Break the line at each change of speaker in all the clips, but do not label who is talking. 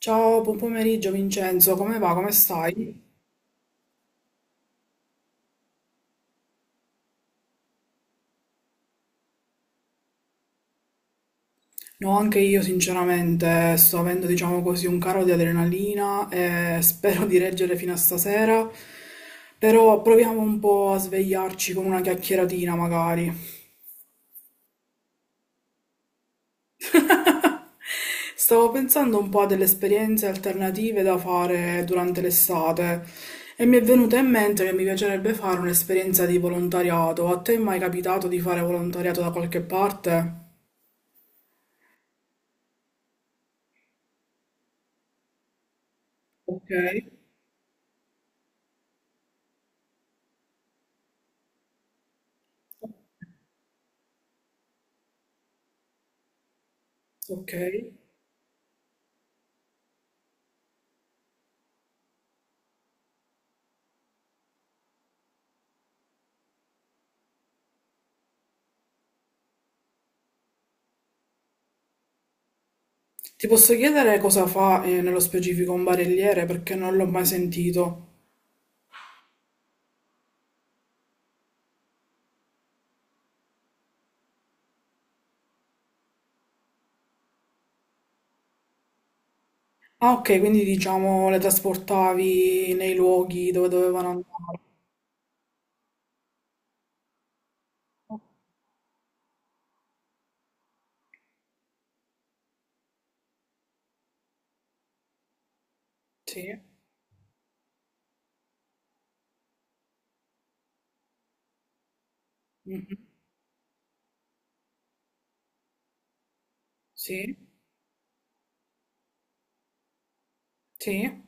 Ciao, buon pomeriggio Vincenzo, come va? Come stai? No, anche io sinceramente sto avendo, diciamo così, un caro di adrenalina e spero di reggere fino a stasera, però proviamo un po' a svegliarci con una chiacchieratina magari. Stavo pensando un po' a delle esperienze alternative da fare durante l'estate e mi è venuta in mente che mi piacerebbe fare un'esperienza di volontariato. A te è mai capitato di fare volontariato da qualche parte? Ok. Ok. Ti posso chiedere cosa fa nello specifico un barelliere perché non l'ho mai sentito. Ah, ok, quindi diciamo le trasportavi nei luoghi dove dovevano andare. Sì. Mhm. Sì. Sì.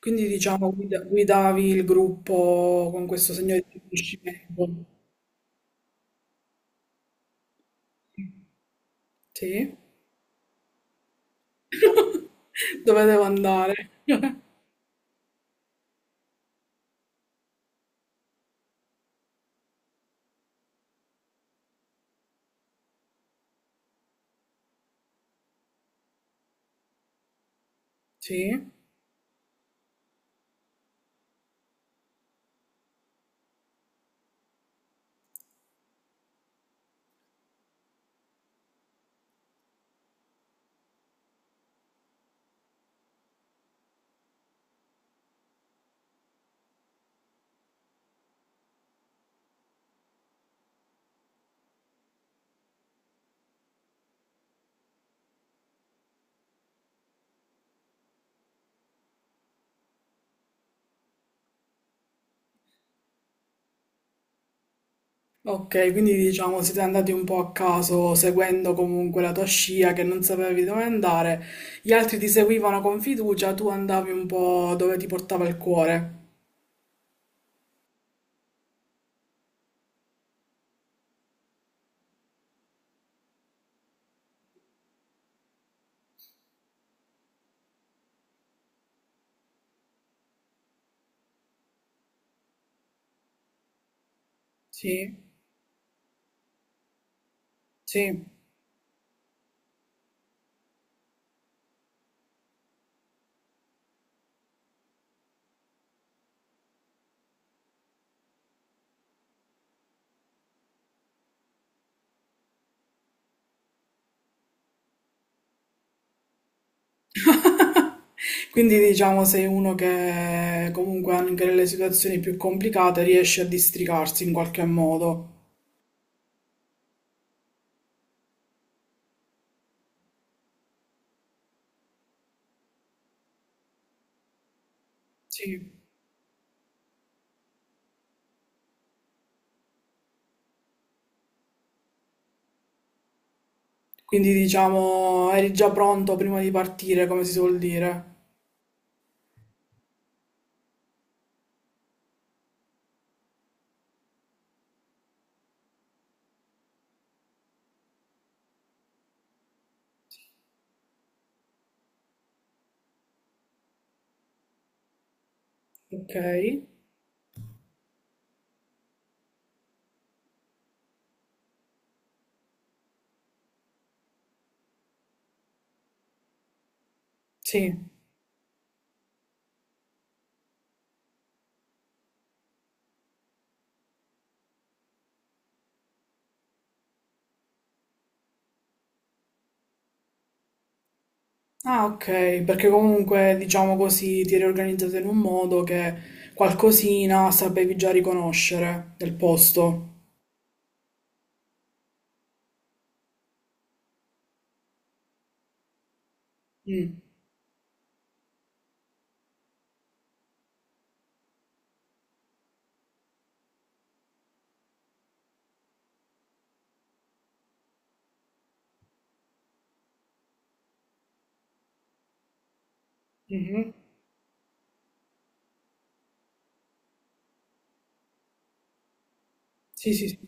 Quindi diciamo guidavi il gruppo con questo segno di riconoscimento. Sì. Dove devo andare? Sì. Ok, quindi diciamo siete andati un po' a caso, seguendo comunque la tua scia che non sapevi dove andare, gli altri ti seguivano con fiducia, tu andavi un po' dove ti portava il cuore. Sì, sì. Quindi diciamo sei uno che comunque anche nelle situazioni più complicate riesce a districarsi in qualche modo. Sì. Quindi diciamo eri già pronto prima di partire, come si suol dire. Ok, sì. Ah, ok, perché comunque diciamo così ti eri organizzata in un modo che qualcosina sapevi già riconoscere del posto. Mm. Mhm. Sì, sì, sì.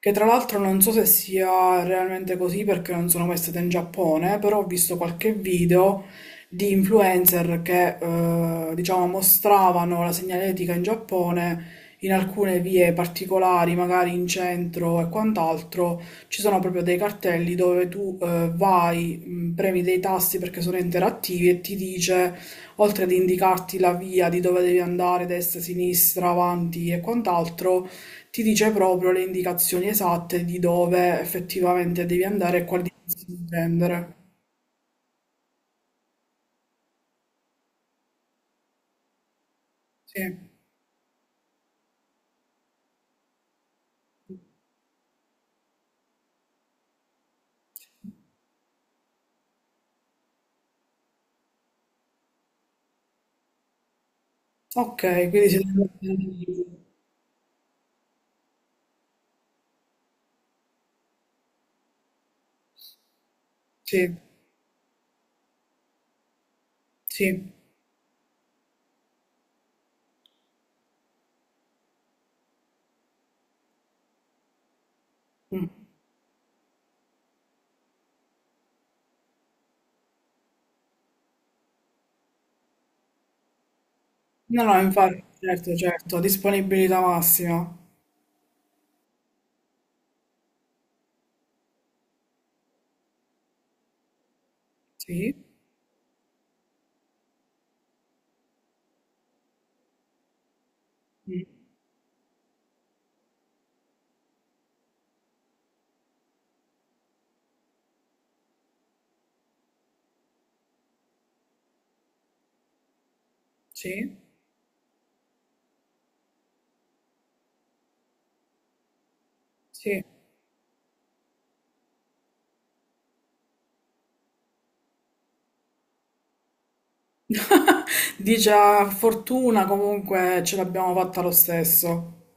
Che tra l'altro non so se sia realmente così perché non sono mai stata in Giappone, però ho visto qualche video di influencer che diciamo mostravano la segnaletica in Giappone in alcune vie particolari, magari in centro e quant'altro, ci sono proprio dei cartelli dove tu vai, premi dei tasti perché sono interattivi e ti dice, oltre ad indicarti la via di dove devi andare, destra, sinistra, avanti e quant'altro, ti dice proprio le indicazioni esatte di dove effettivamente devi andare e quali devi prendere. Sì. Ok, quindi siete andati- Sì, sì. Mm. No, no, infatti, certo, certo, disponibilità massima. Sì. Mm. Sì, sì. Dice, "Ah, fortuna, comunque ce l'abbiamo fatta lo stesso.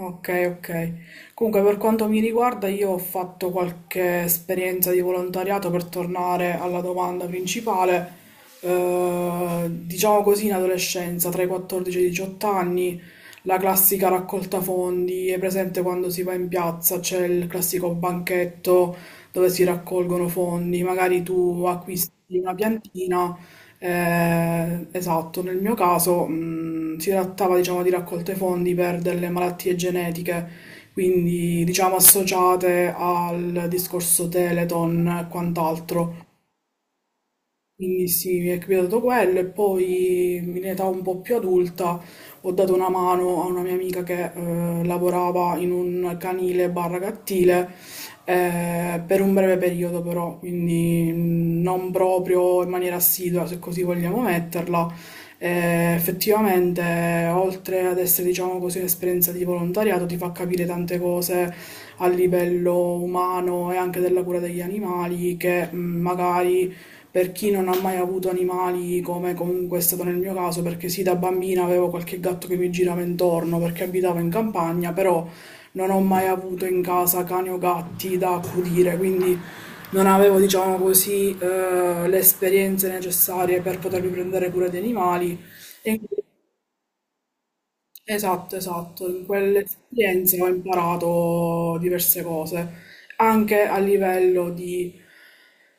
Ok, ok. Comunque, per quanto mi riguarda, io ho fatto qualche esperienza di volontariato per tornare alla domanda principale. Diciamo così, in adolescenza, tra i 14 e i 18 anni, la classica raccolta fondi è presente quando si va in piazza, c'è il classico banchetto dove si raccolgono fondi, magari tu acquisti una piantina. Esatto, nel mio caso, si trattava, diciamo, di raccolte fondi per delle malattie genetiche, quindi, diciamo, associate al discorso Teleton e quant'altro. Quindi sì, mi è capitato quello e poi in età un po' più adulta ho dato una mano a una mia amica che lavorava in un canile barra cattile per un breve periodo però, quindi non proprio in maniera assidua se così vogliamo metterla. Effettivamente, oltre ad essere diciamo così un'esperienza di volontariato, ti fa capire tante cose a livello umano e anche della cura degli animali che, magari per chi non ha mai avuto animali, come comunque è stato nel mio caso, perché sì, da bambina avevo qualche gatto che mi girava intorno perché abitavo in campagna, però non ho mai avuto in casa cani o gatti da accudire, quindi non avevo, diciamo così, le esperienze necessarie per potermi prendere cura di animali. E Esatto, esatto, in quell'esperienza ho imparato diverse cose, anche a livello di,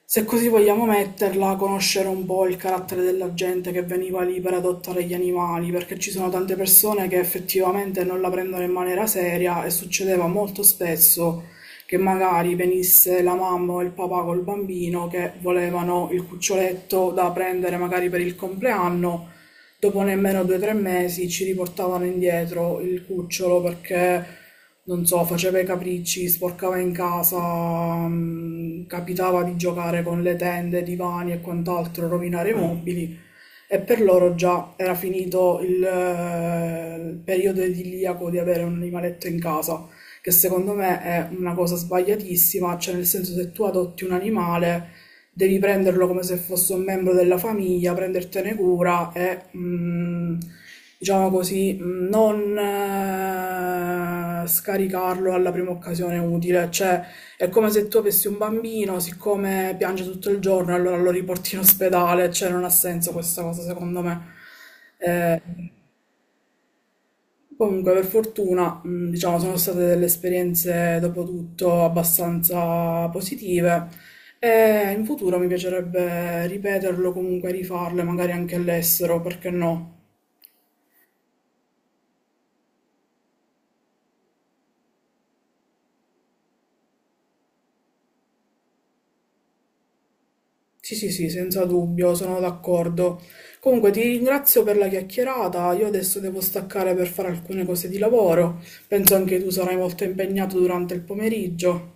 se così vogliamo metterla, conoscere un po' il carattere della gente che veniva lì per adottare gli animali, perché ci sono tante persone che effettivamente non la prendono in maniera seria e succedeva molto spesso che magari venisse la mamma o il papà col bambino che volevano il cuccioletto da prendere magari per il compleanno. Dopo nemmeno 2 o 3 mesi ci riportavano indietro il cucciolo perché, non so, faceva i capricci, sporcava in casa, capitava di giocare con le tende, i divani e quant'altro, rovinare i mobili, e per loro già era finito il periodo idilliaco di avere un animaletto in casa, che secondo me è una cosa sbagliatissima, cioè nel senso se tu adotti un animale devi prenderlo come se fosse un membro della famiglia, prendertene cura e, diciamo così, non scaricarlo alla prima occasione utile, cioè è come se tu avessi un bambino, siccome piange tutto il giorno, allora lo riporti in ospedale, cioè non ha senso questa cosa secondo me. Eh, Comunque, per fortuna, diciamo, sono state delle esperienze dopo tutto abbastanza positive e in futuro mi piacerebbe ripeterlo, comunque rifarle, magari anche all'estero, perché no? Sì, sì, sì, senza dubbio, sono d'accordo. Comunque ti ringrazio per la chiacchierata, io adesso devo staccare per fare alcune cose di lavoro, penso anche tu sarai molto impegnato durante il pomeriggio.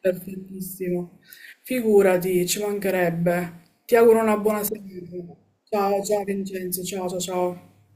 Perfettissimo. Figurati, ci mancherebbe. Ti auguro una buona serata. Ciao, ciao Vincenzo, ciao, ciao, ciao.